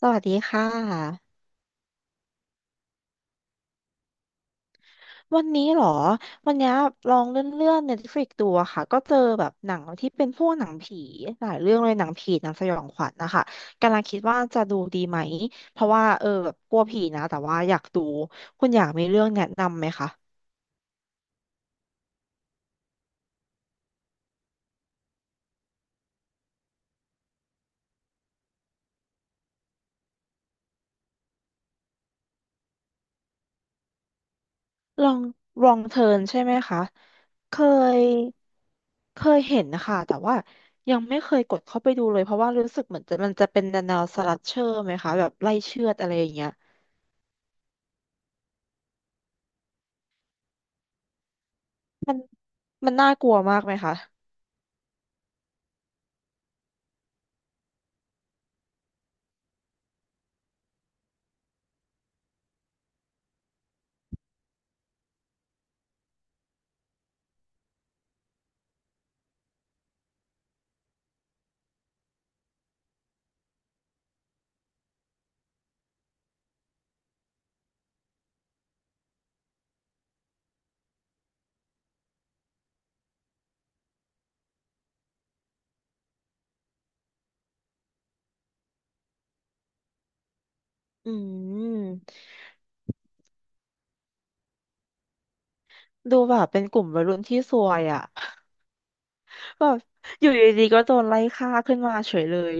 สวัสดีค่ะ วันนี้เหรอ วันนี้ลองเลื่อนๆ Netflix ดูอะค่ะก็เจอแบบหนังที่เป็นพวกหนังผีหลายเรื่องเลยหนังผีหนังสยองขวัญนะคะกำลังคิดว่าจะดูดีไหมเพราะว่าเออแบบกลัวผีนะแต่ว่าอยากดูคุณอยากมีเรื่องแนะนำไหมคะลองลองเทิร์นใช่ไหมคะเคยเคยเห็นนะคะแต่ว่ายังไม่เคยกดเข้าไปดูเลย เพราะว่ารู้สึกเหมือนจะมันจะเป็นแนวสลัชเชอร์ไหมคะแบบไล่เชือดอะไรอย่างเงี้ยมันน่ากลัวมากไหมคะ อืมดูแบบเป็นกลุ่มวัยรุ่นที่ซวยอ่ะ แบบอยู่ดีๆก็โดนไล่ฆ่าขึ้นมาเฉยเลย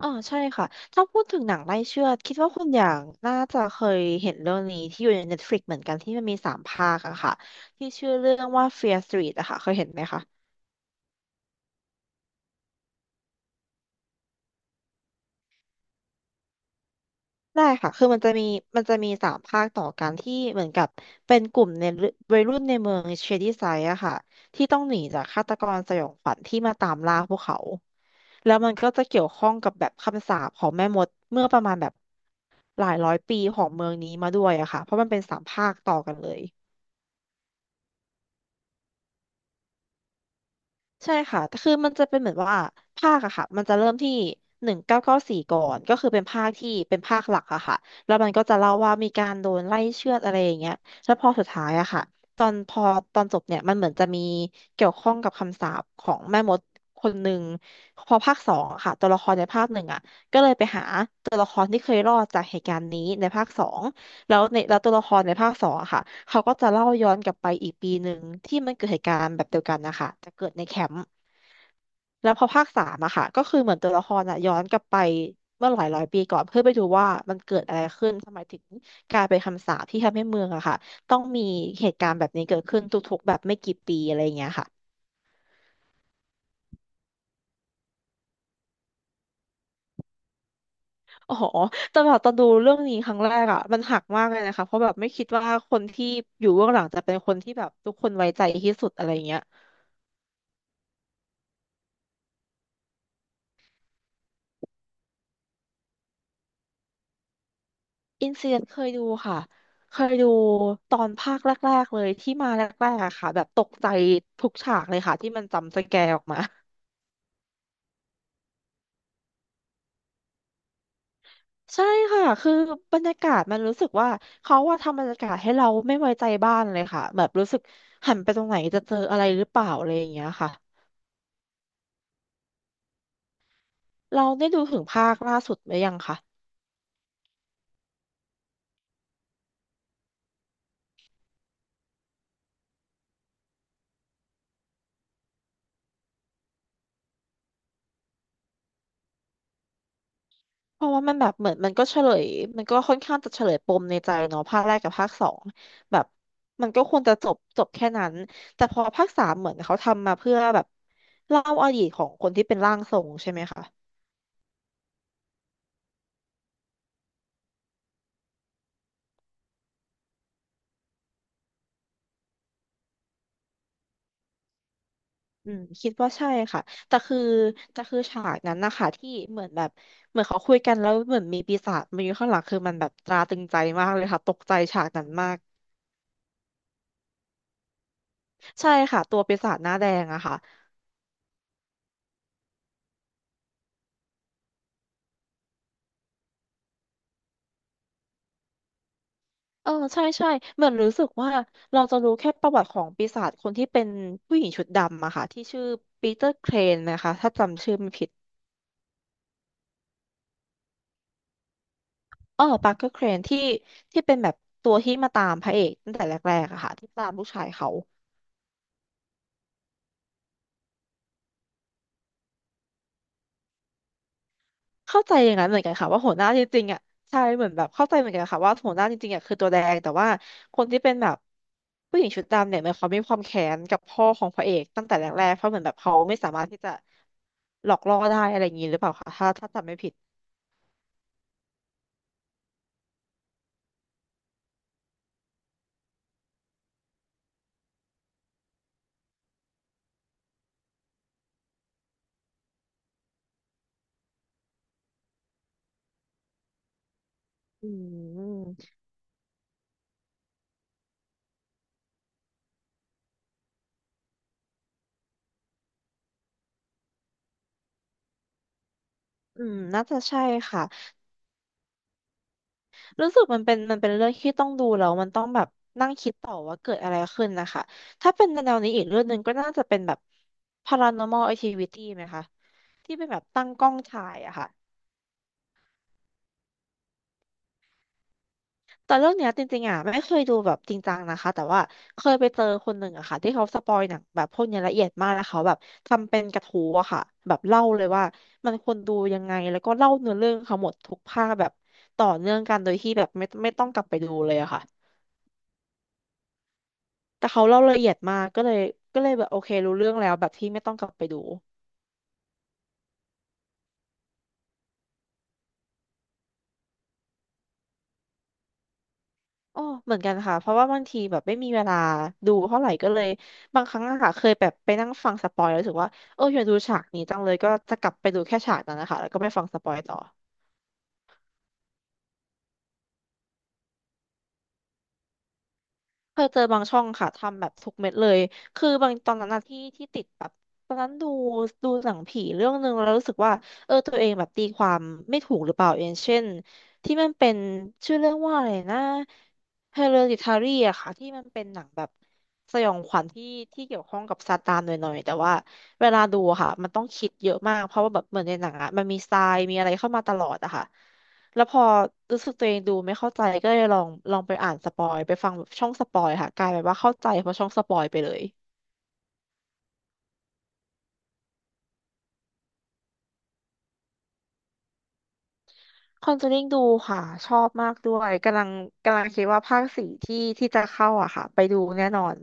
อ๋อใช่ค่ะถ้าพูดถึงหนังไล่เชือดคิดว่าคุณอย่างน่าจะเคยเห็นเรื่องนี้ที่อยู่ใน Netflix เหมือนกันที่มันมีสามภาคอะค่ะที่ชื่อเรื่องว่า Fear Street อะค่ะเคยเห็นไหมคะได้ค่ะคือมันจะมีสามภาคต่อกันที่เหมือนกับเป็นกลุ่มในวัยรุ่นในเมืองเชดี้ไซด์อะค่ะที่ต้องหนีจากฆาตกรสยองขวัญที่มาตามล่าพวกเขา แล้วมันก็จะเกี่ยวข้องกับแบบคำสาปของแม่มดเมื่อประมาณแบบหลายร้อยปีของเมืองนี้มาด้วยอะค่ะเพราะมันเป็นสามภาคต่อกันเลย ใช่ค่ะแต่คือมันจะเป็นเหมือนว่าภาคอะค่ะมันจะเริ่มที่1994ก่อนก็คือเป็นภาคที่เป็นภาคหลักอะค่ะแล้วมันก็จะเล่าว่ามีการโดนไล่เชือดอะไรอย่างเงี้ยแล้วพอสุดท้ายอะค่ะตอนพอตอนจบเนี่ยมันเหมือนจะมีเกี่ยวข้องกับคำสาปของแม่มดคนหนึ่งพอภาคสองอะค่ะตัวละครในภาคหนึ่งอะก็เลยไปหาตัวละครที่เคยรอดจากเหตุการณ์นี้ในภาคสอง แล้วตัวละครในภาคสองอะค่ะเขาก็จะเล่าย้อนกลับไปอีกปีหนึ่งที่มันเกิดเหตุการณ์แบบเดียวกันนะคะจะเกิดในแคมป์แล้วพอภาคสามอะค่ะก็คือเหมือนตัวละครอะย้อนกลับไปเมื่อหลายร้อยปีก่อนเพื่อไปดูว่ามันเกิดอะไรขึ้นทำไมถึงกลายเป็นคำสาปที่ทำให้เมืองอะค่ะต้องมีเหตุการณ์แบบนี้เกิดขึ้นทุกๆแบบไม่กี่ปีอะไรอย่างเงี้ยค่ะอ๋อแต่แบบตอนดูเรื่องนี้ครั้งแรกอะมันหักมากเลยนะคะเพราะแบบไม่คิดว่าคนที่อยู่เบื้องหลังจะเป็นคนที่แบบทุกคนไว้ใจที่สุดอะไรอย่างเงี้ย อินซีเคยดูค่ะเคยดูตอนภาคแรกๆเลยที่มาแรกๆอะค่ะแบบตกใจทุกฉากเลยค่ะที่มันจำสแกร์ออกมา ใช่ค่ะคือบรรยากาศมันรู้สึกว่าเขาว่าทำบรรยากาศให้เราไม่ไว้ใจบ้านเลยค่ะแบบรู้สึกหันไปตรงไหนจะเจออะไรหรือเปล่าอะไรอย่างเงี้ยค่ะเราได้ดูถึงภาคล่าสุดหรือยังคะ เพราะว่ามันแบบเหมือนมันก็เฉลยมันก็ค่อนข้างจะเฉลยปมในใจเนาะภาคแรกกับภาคสองแบบมันก็ควรจะจบจบแค่นั้นแต่พอภาคสามเหมือนเขาทำมาเพื่อแบบเล่าอดีตของคนที่เป็นร่างทรงใช่ไหมคะอืมคิดว่าใช่ค่ะแต่คือแต่คือฉากนั้นนะคะที่เหมือนแบบเหมือนเขาคุยกันแล้วเหมือนมีปีศาจมาอยู่ข้างหลังคือมันแบบตราตรึงใจมากเลยค่ะตกใจฉากนั้นมากใช่ค่ะตัวปีศาจหน้าแดงอะค่ะ เออใช่ใช่เหมือนรู้สึกว่าเราจะรู้แค่ประวัติของปีศาจคนที่เป็นผู้หญิงชุดดำอะค่ะที่ชื่อปีเตอร์เครนนะคะถ้าจำชื่อไม่ผิดอ๋อปาร์เกอร์เครนที่ที่เป็นแบบตัวที่มาตามพระเอกตั้งแต่แรกๆอะค่ะที่ตามลูกชายเขาเข้าใจอย่างนั้นเหมือนกันค่ะว่าหัวหน้าจริงๆอะใช่เหมือนแบบเข้าใจเหมือนกันค่ะว่าหัวหน้าจริงๆอะคือตัวแดงแต่ว่าคนที่เป็นแบบผู้หญิงชุดดำเนี่ยเหมันเขามีความแค้นกับพ่อของพระเอกตั้งแต่แรกๆเพราะเหมือนแบบเขาไม่สามารถที่จะหลอกล่อได้อะไรอย่างนี้หรือเปล่าคะถ้าจำไม่ผิด อืมอืมน่าจะใช่ค่ะ รู้สึกมันเป็นเรื่องที่ต้องดูแล้วมันต้องแบบนั่งคิดต่อว่าเกิดอะไรขึ้นนะคะ ถ้าเป็นแนวนี้อีกเรื่องหนึ่งก็น่าจะเป็นแบบ paranormal activity ไหมคะ ที่เป็นแบบตั้งกล้องถ่ายอะค่ะ แต่เรื่องเนี้ยจริงๆอ่ะไม่เคยดูแบบจริงจังนะคะแต่ว่าเคยไปเจอคนหนึ่งอะค่ะที่เขาสปอยหนังแบบพวกเนี้ยละเอียดมากแล้วเขาแบบทำเป็นกระทู้อะค่ะแบบเล่าเลยว่ามันควรดูยังไงแล้วก็เล่าเนื้อเรื่องเขาหมดทุกภาคแบบต่อเนื่องกันโดยที่แบบไม่ต้องกลับไปดูเลยอะค่ะแต่เขาเล่าละเอียดมากก็เลยแบบโอเครู้เรื่องแล้วแบบที่ไม่ต้องกลับไปดู อ๋อเหมือนกันค่ะ เพราะว่าบางทีแบบไม่มีเวลาดูเท่าไหร่ก็เลยบางครั้งอะค่ะเคยแบบไปนั่งฟังสปอยแล้วรู้สึกว่าเอออยากดูฉากนี้จังเลยก็จะกลับไปดูแค่ฉากนั้นนะคะแล้วก็ไม่ฟังสปอยต่อ เคยเจอบางช่องค่ะทำแบบทุกเม็ดเลยคือบางตอนนั้นน่ะที่ติดแบบตอนนั้นดูหนังผีเรื่องหนึ่งแล้วรู้สึกว่าเออตัวเองแบบตีความไม่ถูกหรือเปล่าอย่างเช่นที่มันเป็นชื่อเรื่องว่าอะไรนะ Hereditary อะค่ะที่มันเป็นหนังแบบสยองขวัญที่เกี่ยวข้องกับซาตานหน่อยๆแต่ว่าเวลาดูอะค่ะมันต้องคิดเยอะมากเพราะว่าแบบเหมือนในหนังอะมันมีทรายมีอะไรเข้ามาตลอดอะค่ะ แล้วพอรู้สึกตัวเองดูไม่เข้าใจก็เลยลองไปอ่านสปอยไปฟังแบบช่องสปอยค่ะกลายเป็นว่าเข้าใจเพราะช่องสปอยไปเลยคอนเจอริงดูค่ะชอบมากด้วยกำลังคิดว่าภาคสี่ที่จะเข้าอะค่ะไปดูแน่นอน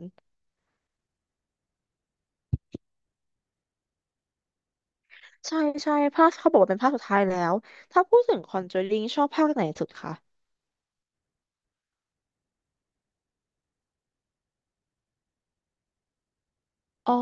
ใช่ใช่ภาคเขาบอกว่าเป็นภาคสุดท้ายแล้วถ้าพูดถึงคอนเจอริงชอบภาคไหนสุดคะอ๋อ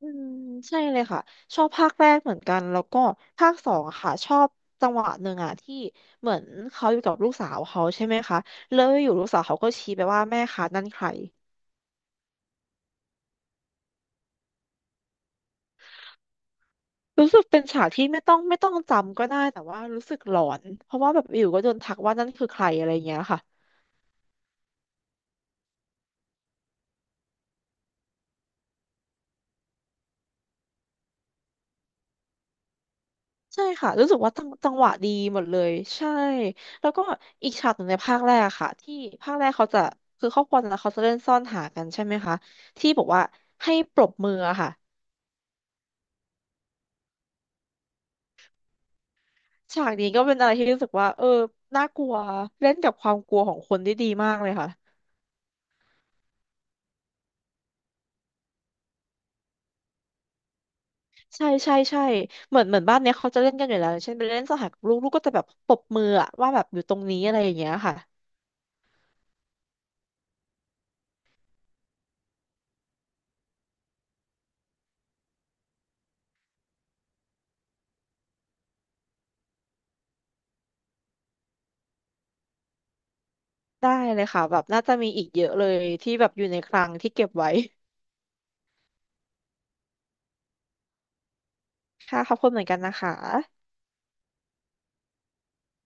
อืมใช่เลยค่ะชอบภาคแรกเหมือนกันแล้วก็ภาคสองอะค่ะชอบจังหวะหนึ่งอ่ะที่เหมือนเขาอยู่กับลูกสาวเขาใช่ไหมคะแล้วอยู่ลูกสาวเขาก็ชี้ไปว่าแม่คะนั่นใครรู้สึกเป็นฉากที่ไม่ต้องจำก็ได้แต่ว่ารู้สึกหลอนเพราะว่าแบบอยู่ก็โดนทักว่านั่นคือใครอะไรอย่างเงี้ยค่ะใช่ค่ะรู้สึกว่าจังหวะดีหมดเลยใช่แล้วก็อีกฉากหนึ่งในภาคแรกอะค่ะที่ภาคแรกเขาจะคือครอบครัวนั้นเขาจะเล่นซ่อนหากันใช่ไหมคะที่บอกว่าให้ปรบมืออะค่ะ ฉากนี้ก็เป็นอะไรที่รู้สึกว่าเออน่ากลัวเล่นกับความกลัวของคนได้ดีมากเลยค่ะใช่ใช่ใช่เหมือนบ้านเนี้ยเขาจะเล่นกันอยู่แล้วอย่างเช่นไปเล่นสหกบลูกก็จะแบบปรบมืออะว่าแบบอยู่ตรงนี้อะไรอย่างเงี้ยค่ะได้เลยค่ะแบบน่าจะมีอีกเยอะเลยที่แบบอยู่ในคลังที่เก็บไว้ค่ะขอบคุณเหมือนกันนะคะ